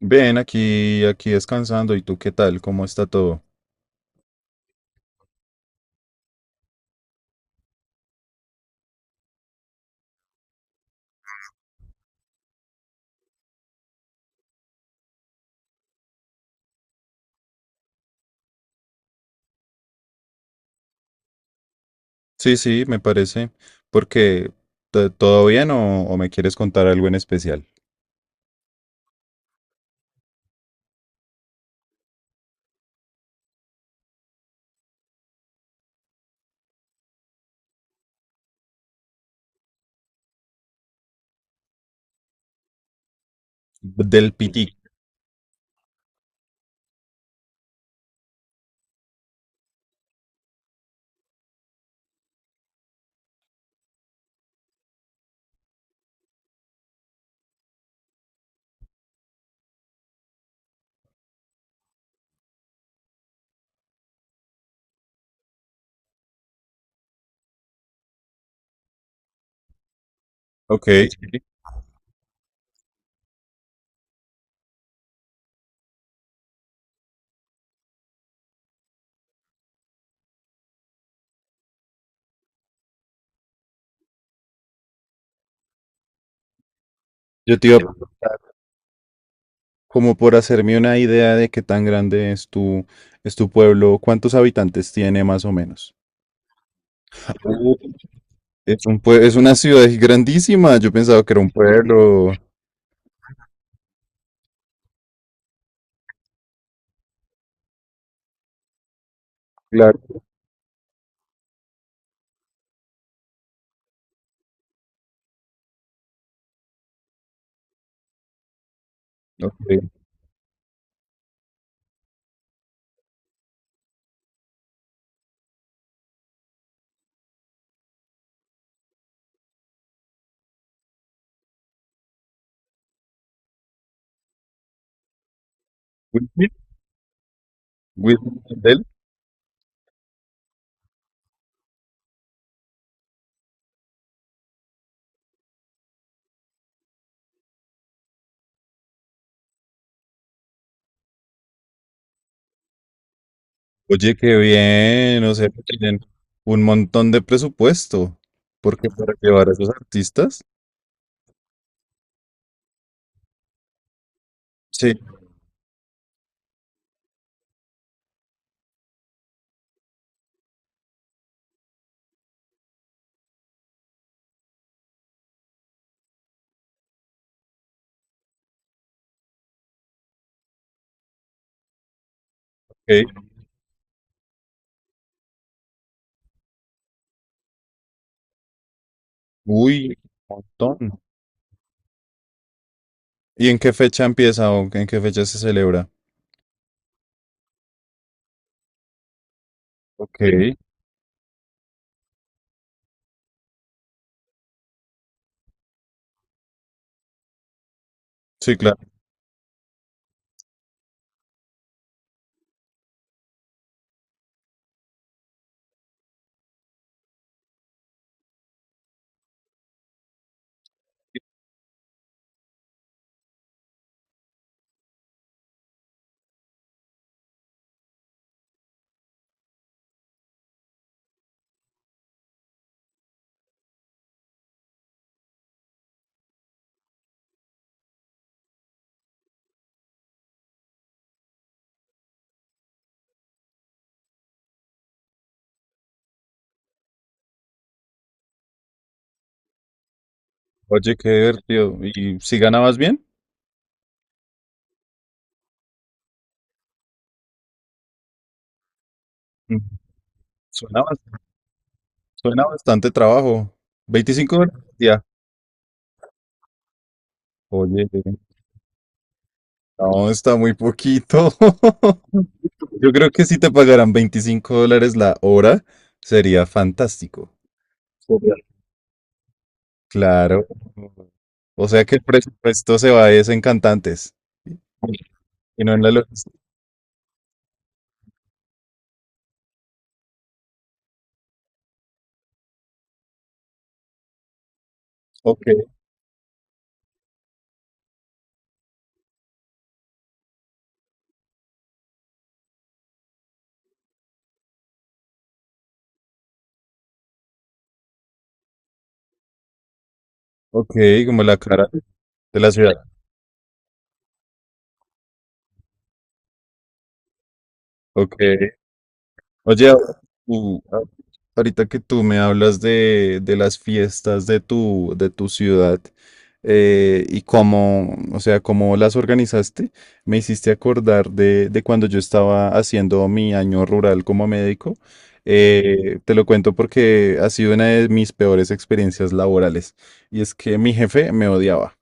Bien, aquí descansando. ¿Y tú qué tal? ¿Cómo está todo? Sí, sí, me parece. Porque, ¿todo bien o me quieres contar algo en especial? Del Piti. Ok. Sí. Yo te iba como por hacerme una idea de qué tan grande es tu pueblo, cuántos habitantes tiene más o menos. Es una ciudad grandísima. Yo pensaba que era un pueblo. Claro. Ok. Whitney, Whitney, Mandel. Oye, qué bien. O sea, que tienen un montón de presupuesto. Porque para llevar a esos artistas. Sí. Ok. Uy, un montón. ¿Y en qué fecha empieza o en qué fecha se celebra? Ok. Sí, claro. Oye, qué divertido. ¿Y si ganabas bien? Mm, Suena, bas- suena bastante trabajo. 25 horas al día. Oye. No, está muy poquito. Yo creo que si te pagaran $25 la hora, sería fantástico. Genial. Claro. O sea que el presupuesto se va es en cantantes y no en la logística. Ok, ok, como la cara de la ciudad. Ok. Oye, tú, a- ahorita que tú me hablas de, las fiestas de tu ciudad, y cómo, o sea, cómo las organizaste, me hiciste acordar de cuando yo estaba haciendo mi año rural como médico. Te lo cuento porque ha sido una de mis peores experiencias laborales y es que mi jefe me odiaba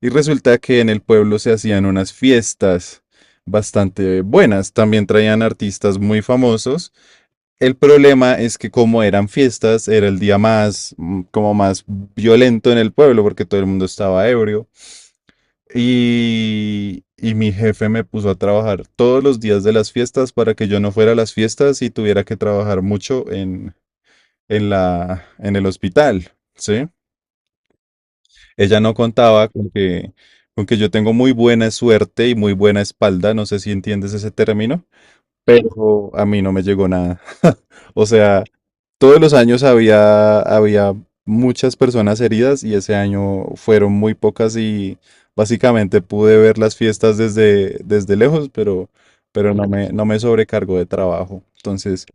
y resulta que en el pueblo se hacían unas fiestas bastante buenas. También traían artistas muy famosos. El problema es que como eran fiestas, era el día más, como más violento en el pueblo porque todo el mundo estaba ebrio. Y mi jefe me puso a trabajar todos los días de las fiestas para que yo no fuera a las fiestas y tuviera que trabajar mucho en, en el hospital, ¿sí? Ella no contaba con que, yo tengo muy buena suerte y muy buena espalda, no sé si entiendes ese término, pero a mí no me llegó nada. O sea, todos los años había muchas personas heridas y ese año fueron muy pocas y básicamente pude ver las fiestas desde lejos, pero no me sobrecargó de trabajo. Entonces,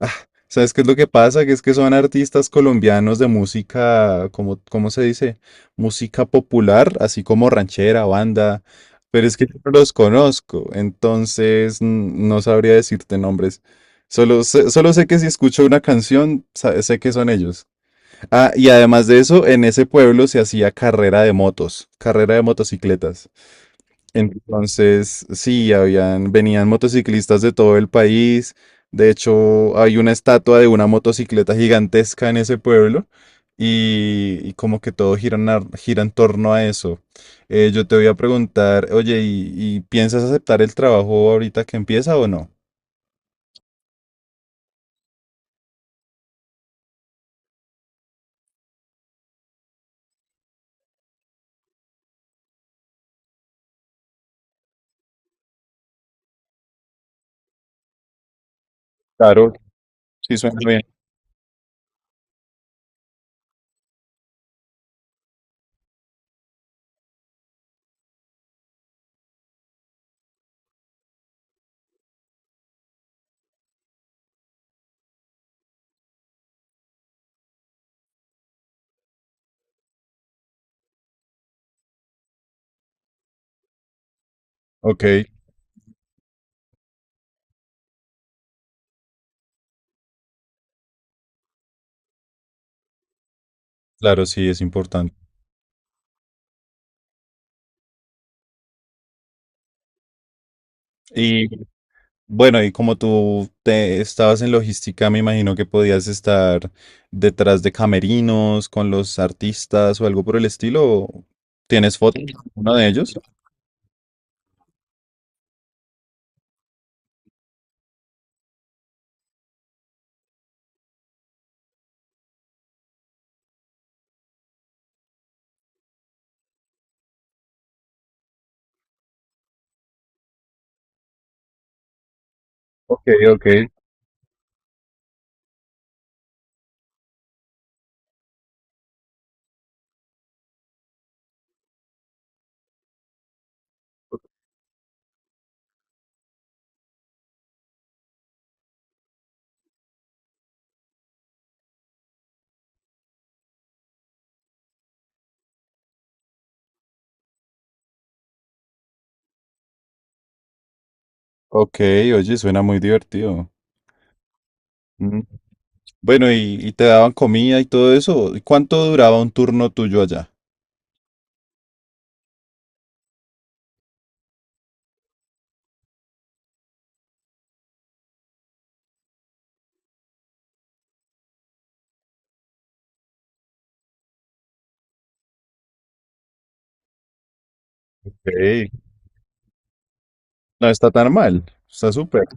ah, ¿sabes qué es lo que pasa? Que es que son artistas colombianos de música, como, ¿cómo se dice? Música popular, así como ranchera, banda, pero es que yo no los conozco, entonces no sabría decirte nombres. Solo sé que si escucho una canción, sé que son ellos. Ah, y además de eso, en ese pueblo se hacía carrera de motos, carrera de motocicletas. Entonces, sí, venían motociclistas de todo el país. De hecho, hay una estatua de una motocicleta gigantesca en ese pueblo y como que todo gira, gira en torno a eso. Yo te voy a preguntar, oye, ¿y piensas aceptar el trabajo ahorita que empieza o no? Claro, sí suena bien. Ok, claro, sí, es importante. Bueno, y como tú te estabas en logística, me imagino que podías estar detrás de camerinos con los artistas o algo por el estilo. ¿O tienes fotos, sí, uno de ellos? Ok, ok. Ok, oye, suena muy divertido. Mm. Bueno, y te daban comida y todo eso. ¿Y cuánto duraba un turno tuyo allá? Ok, no está tan mal. Está súper.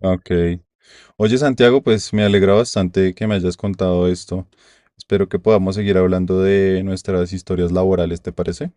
Ok. Oye, Santiago, pues me alegra bastante que me hayas contado esto. Espero que podamos seguir hablando de nuestras historias laborales, ¿te parece?